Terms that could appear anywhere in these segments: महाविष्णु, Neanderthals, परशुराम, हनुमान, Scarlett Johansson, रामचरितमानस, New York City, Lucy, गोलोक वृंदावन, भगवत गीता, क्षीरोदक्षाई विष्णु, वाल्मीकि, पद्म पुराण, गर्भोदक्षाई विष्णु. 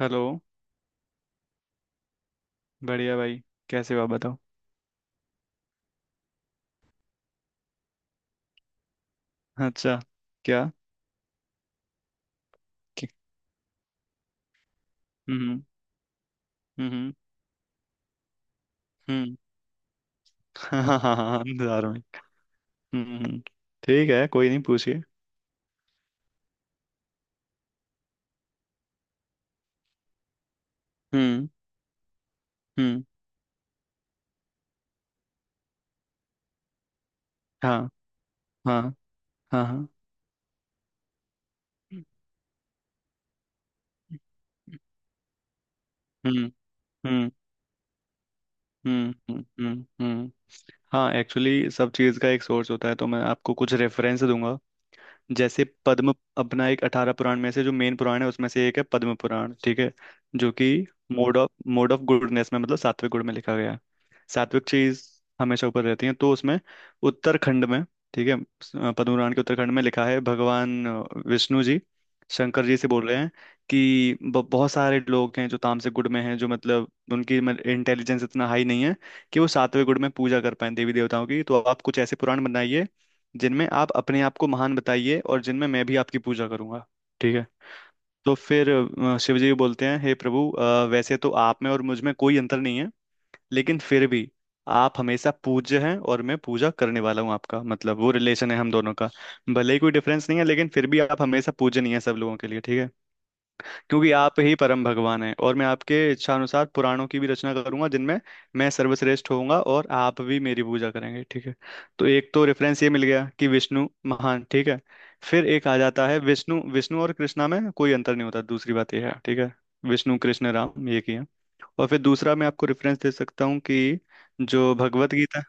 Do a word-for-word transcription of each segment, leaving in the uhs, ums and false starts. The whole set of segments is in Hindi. हेलो। बढ़िया भाई। कैसे हो आप बताओ। अच्छा। क्या। कि- हम्म। हम्म। हम्म। हाँ हाँ हाँ हाँ, इंतजार में। हम्म हम्म। ठीक है, कोई नहीं, पूछिए। हम्म हम्म। हाँ हाँ हाँ हाँ। हम्म हम्म। हम्म हम्म। हम्म हम्म। हाँ, एक्चुअली सब चीज़ का एक सोर्स होता है, तो मैं आपको कुछ रेफरेंस दूंगा। जैसे पद्म, अपना एक अठारह पुराण में से जो मेन पुराण है उसमें से एक है पद्म पुराण, ठीक है। जो कि mode of mode of goodness में, मतलब सात्विक गुण में लिखा गया है। सात्विक चीज हमेशा ऊपर रहती है, तो उसमें उत्तराखंड में, ठीक है। अ, पद्म पुराण के उत्तराखंड में लिखा है भगवान अ, विष्णु जी शंकर जी से बोल रहे हैं कि ब- बहुत सारे लोग हैं जो तामसिक गुण में हैं, जो मतलब उनकी इंटेलिजेंस इतना हाई नहीं है कि वो सातवें गुण में पूजा कर पाए देवी देवताओं की, तो आप कुछ ऐसे पुराण बनाइए जिनमें आप अपने आप को महान बताइए और जिनमें मैं भी आपकी पूजा करूंगा, ठीक है। तो फिर अ, शिव जी बोलते हैं, हे प्रभु, अ, वैसे तो आप में और मुझ में कोई अंतर नहीं है, लेकिन फिर भी आप हमेशा पूज्य हैं और मैं पूजा करने वाला हूँ आपका, मतलब वो रिलेशन है हम दोनों का। भले ही कोई डिफरेंस नहीं है लेकिन फिर भी आप हमेशा पूजनीय है सब लोगों के लिए, ठीक है। क्योंकि आप ही परम भगवान हैं, और मैं आपके इच्छानुसार पुराणों की भी रचना करूंगा जिनमें मैं सर्वश्रेष्ठ होऊंगा और आप भी मेरी पूजा करेंगे, ठीक है। तो एक तो रेफरेंस ये मिल गया कि विष्णु महान, ठीक है। फिर एक आ जाता है, विष्णु विष्णु और कृष्णा में कोई अंतर नहीं होता, दूसरी बात यह है, ठीक है। विष्णु कृष्ण राम एक ही है। और फिर दूसरा मैं आपको रेफरेंस दे सकता हूँ कि जो भगवत गीता।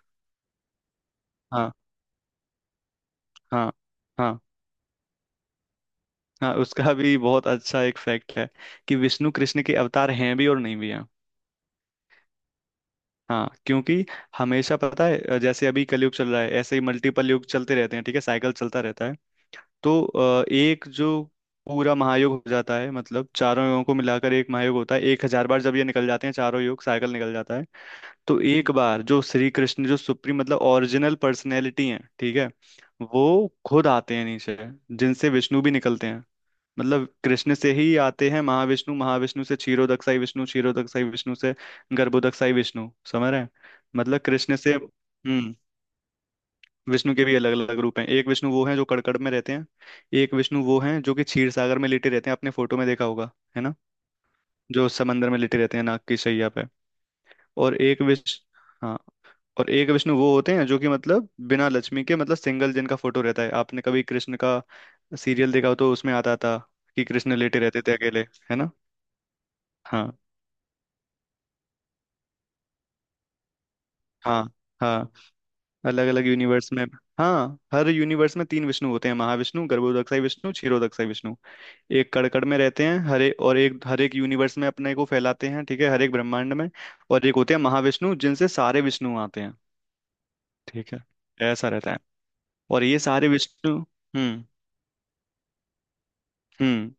हाँ। हाँ। हाँ हाँ। उसका भी बहुत अच्छा एक फैक्ट है कि विष्णु कृष्ण के अवतार हैं भी और नहीं भी हैं। हाँ, क्योंकि हमेशा पता है, अ, जैसे अभी कलयुग चल रहा है, ऐसे ही मल्टीपल युग चलते रहते हैं, ठीक है। साइकिल चलता रहता है। तो अ, एक जो पूरा महायुग हो जाता है, मतलब चारों युगों को मिलाकर एक महायुग होता है, एक हजार बार जब ये निकल जाते हैं चारों युग, साइकिल निकल जाता है। तो एक बार जो श्री कृष्ण, जो सुप्रीम मतलब ओरिजिनल पर्सनैलिटी है, ठीक है, वो खुद आते हैं नीचे, जिनसे विष्णु भी निकलते हैं, मतलब कृष्ण से ही आते हैं महाविष्णु, महाविष्णु से क्षीरोदक्षाई विष्णु, क्षीरोदक्षाई विष्णु से गर्भोदक्षाई विष्णु, समझ रहे हैं। मतलब कृष्ण से। हम्म। विष्णु के भी अलग अलग रूप हैं। एक विष्णु वो हैं जो कड़कड़ में रहते हैं, एक विष्णु वो हैं जो कि क्षीर सागर में लेटे रहते हैं, आपने फोटो में देखा होगा, है ना। जो समंदर में लेटे रहते हैं नाग की शैया पे। और एक विष हाँ, और एक विष्णु वो होते हैं जो कि मतलब बिना लक्ष्मी के, मतलब सिंगल, जिनका फोटो रहता है। आपने कभी कृष्ण का सीरियल देखा हो तो उसमें आता था कि कृष्ण लेटे रहते थे अकेले, है ना। हाँ हाँ हाँ। अलग अलग यूनिवर्स में। हाँ, हर यूनिवर्स में तीन विष्णु होते हैं, महाविष्णु, गर्भोदक्षाई विष्णु, क्षीरोदक्षाई विष्णु। एक कड़कड़ में रहते हैं हरे, और एक हर एक यूनिवर्स में अपने को फैलाते हैं, ठीक है, हर एक ब्रह्मांड में। और एक होते हैं महाविष्णु जिनसे सारे विष्णु आते हैं, ठीक है। ऐसा रहता है। और ये सारे विष्णु। हम्म। हम्म।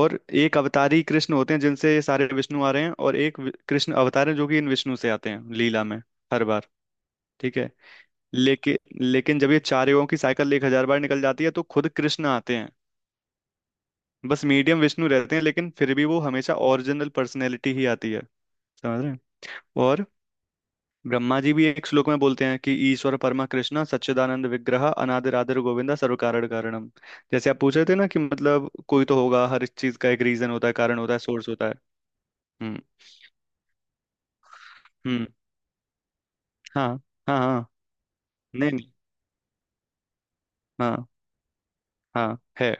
और एक अवतारी कृष्ण होते हैं जिनसे ये सारे विष्णु आ रहे हैं, और एक वि- कृष्ण अवतार है जो कि इन विष्णु से आते हैं लीला में, हर बार, ठीक है। लेकिन लेकिन जब ये चार युगों की साइकिल एक हजार बार निकल जाती है तो खुद कृष्ण आते हैं, बस मीडियम विष्णु रहते हैं, लेकिन फिर भी वो हमेशा ओरिजिनल पर्सनैलिटी ही आती है, समझ रहे हैं। और ब्रह्मा जी भी एक श्लोक में बोलते हैं कि ईश्वर परमा कृष्णा सच्चिदानंद विग्रह अनादिर आदिर गोविंदा सर्व कारण कारणम। जैसे आप पूछ रहे थे ना कि मतलब कोई तो होगा, हर इस चीज का एक रीजन होता है, कारण होता है, सोर्स होता है। हम्म हम्म। हाँ हाँ हाँ। नहीं नहीं। हाँ हाँ है।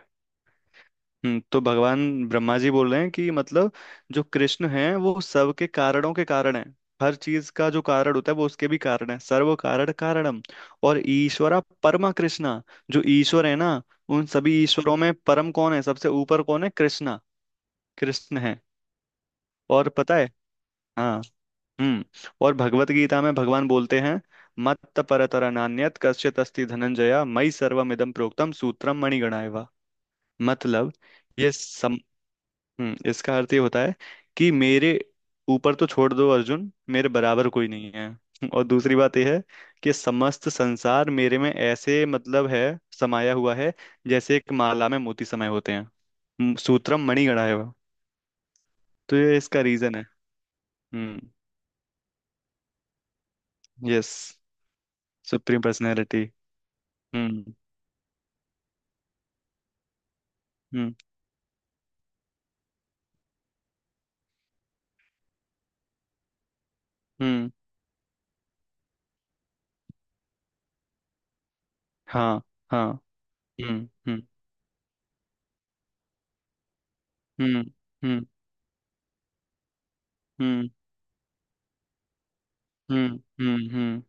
हम्म, तो भगवान ब्रह्मा जी बोल रहे हैं कि मतलब जो कृष्ण हैं वो सबके कारणों के कारण हैं, हर चीज का जो कारण होता है वो उसके भी कारण है, सर्व कारण कारणम। और ईश्वरा परमा कृष्णा, जो ईश्वर है ना, उन सभी ईश्वरों में परम कौन है, सबसे ऊपर कौन है, कृष्णा। कृष्ण है। और पता है। हाँ। हम्म। और भगवत गीता में भगवान बोलते हैं, मत्त परतरा नान्यत कश्चित अस्ति धनंजया मयि सर्वमिदं प्रोक्तम सूत्रम मणिगणाय वा। मतलब ये। हम्म, इसका अर्थ ये होता है कि मेरे ऊपर तो छोड़ दो अर्जुन, मेरे बराबर कोई नहीं है। और दूसरी बात यह है कि समस्त संसार मेरे में ऐसे मतलब है, समाया हुआ है, जैसे एक माला में मोती समाये होते हैं। हम्म, सूत्रम मणिगणा है वह। तो ये इसका रीजन है। हम्म। Yes, supreme personality. हम्म हम्म हम्म। हाँ हाँ। हम्म हम्म हम्म हम्म। हम्म हम्म हम्म हम्म।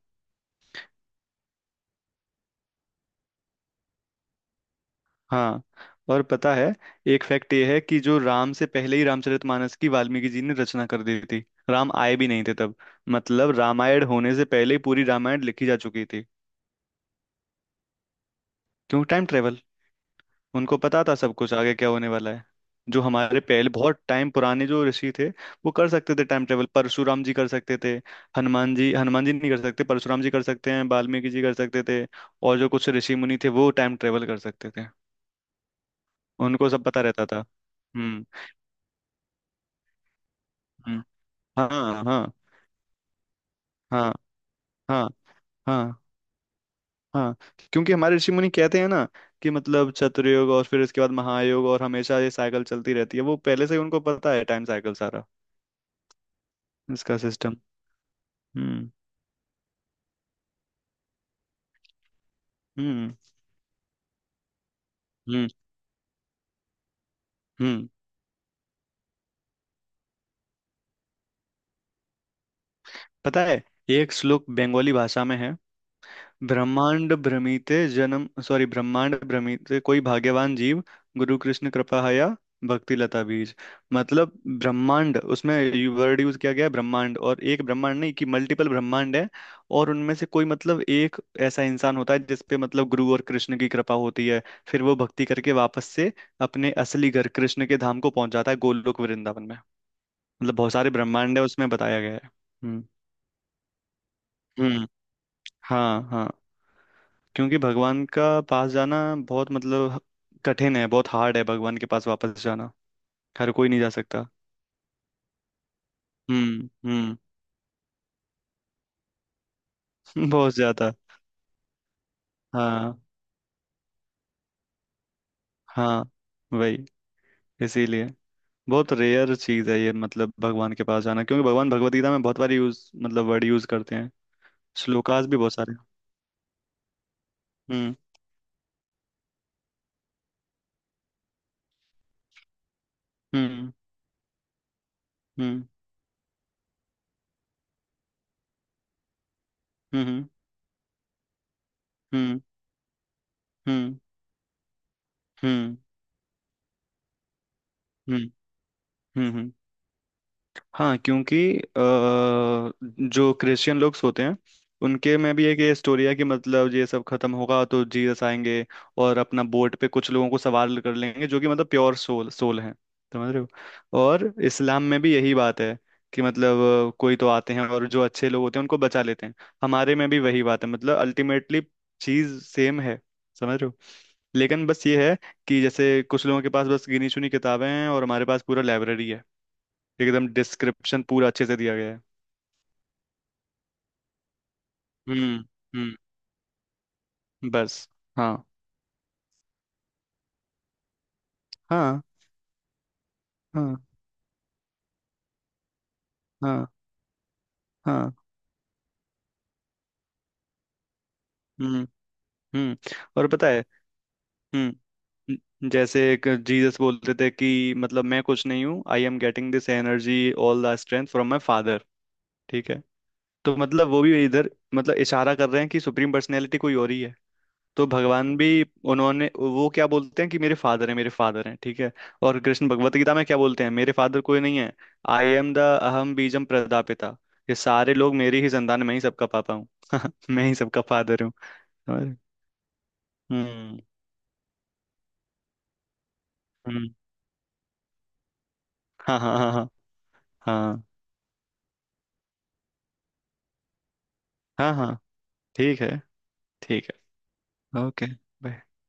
हाँ, और पता है। एक फैक्ट ये है कि जो राम से पहले ही रामचरितमानस की वाल्मीकि जी ने रचना कर दी थी, राम आए भी नहीं थे तब, मतलब रामायण होने से पहले ही पूरी रामायण लिखी जा चुकी थी। क्यों, टाइम ट्रेवल। उनको पता था सब कुछ आगे क्या होने वाला है। जो हमारे पहले बहुत टाइम पुराने जो ऋषि थे वो कर सकते थे टाइम ट्रेवल। परशुराम जी कर सकते थे, हनुमान जी हनुमान जी नहीं कर सकते, परशुराम जी कर सकते हैं, वाल्मीकि जी कर सकते थे, और जो कुछ ऋषि मुनि थे वो टाइम ट्रेवल कर सकते थे। उनको सब पता रहता था। हम्म हम्म। हाँ हाँ हाँ। हाँ हाँ हाँ। क्योंकि हमारे ऋषि मुनि कहते हैं ना कि मतलब चतुर्युग, और फिर इसके बाद महायोग, और हमेशा ये साइकिल चलती रहती है, वो पहले से ही उनको पता है टाइम साइकिल सारा, इसका सिस्टम। हम्म हम्म। हम्म हम्म। पता है, एक श्लोक बंगाली भाषा में है, ब्रह्मांड भ्रमिते जन्म सॉरी ब्रह्मांड भ्रमिते कोई भाग्यवान जीव, गुरु कृष्ण कृपा हया, भक्ति लता बीज। मतलब ब्रह्मांड, उसमें यू- वर्ड यूज किया गया है ब्रह्मांड, और एक ब्रह्मांड नहीं कि मल्टीपल ब्रह्मांड है, और उनमें से कोई मतलब एक ऐसा इंसान होता है जिसपे मतलब गुरु और कृष्ण की कृपा होती है, फिर वो भक्ति करके वापस से अपने असली घर कृष्ण के धाम को पहुंच जाता है गोलोक वृंदावन में। मतलब बहुत सारे ब्रह्मांड है, उसमें बताया गया है। हम्म हम्म। हाँ हाँ, क्योंकि भगवान का पास जाना बहुत मतलब कठिन है, बहुत हार्ड है भगवान के पास वापस जाना, हर कोई नहीं जा सकता। हम्म हम्म। बहुत ज्यादा। हाँ। हाँ वही, इसीलिए बहुत रेयर चीज है ये मतलब भगवान के पास जाना, क्योंकि भगवान भगवत गीता में बहुत बार यूज मतलब वर्ड यूज करते हैं, श्लोकास भी बहुत सारे हैं। हम्म हम्म हम्म हम्म। हम्म हम्म हम्म हम्म। हम्म हम्म। हाँ, क्योंकि अ, जो क्रिश्चियन लोग होते हैं उनके में भी एक ये स्टोरी है कि मतलब ये सब खत्म होगा तो जीसस आएंगे और अपना बोट पे कुछ लोगों को सवार कर लेंगे जो कि मतलब प्योर सोल सोल हैं, समझ रहे हो। और इस्लाम में भी यही बात है कि मतलब अ, कोई तो आते हैं और जो अच्छे लोग होते हैं उनको बचा लेते हैं, हमारे में भी वही बात है मतलब अल्टीमेटली चीज सेम है, समझ रहे हो। लेकिन बस ये है कि जैसे कुछ लोगों के पास बस गिनी चुनी किताबें हैं, और हमारे पास पूरा लाइब्रेरी है, एकदम डिस्क्रिप्शन पूरा अच्छे से दिया गया है। हम्म हम्म। बस। हाँ हाँ हाँ हाँ हाँ। हम्म हम्म। और पता है। हम्म। ज- जैसे एक जीसस बोलते थे कि मतलब मैं कुछ नहीं हूँ, I am getting this energy all the strength from my father, ठीक है। तो मतलब वो भी इधर मतलब इशारा कर रहे हैं कि सुप्रीम पर्सनैलिटी कोई और ही है। तो भगवान भी, उन्होंने वो क्या बोलते हैं कि मेरे फादर हैं, मेरे फादर हैं, ठीक है। और कृष्ण भगवत गीता में क्या बोलते हैं, मेरे फादर कोई नहीं है। आई एम द अहम बीजम प्रदापिता, ये सारे लोग मेरी ही संतान, मैं ही सबका पापा हूँ। मैं ही सबका फादर हूँ, समझ रहे? हम्म हम्म। हाँ हाँ हाँ हाँ हाँ हाँ हाँ। ठीक है। ठीक है। ओके।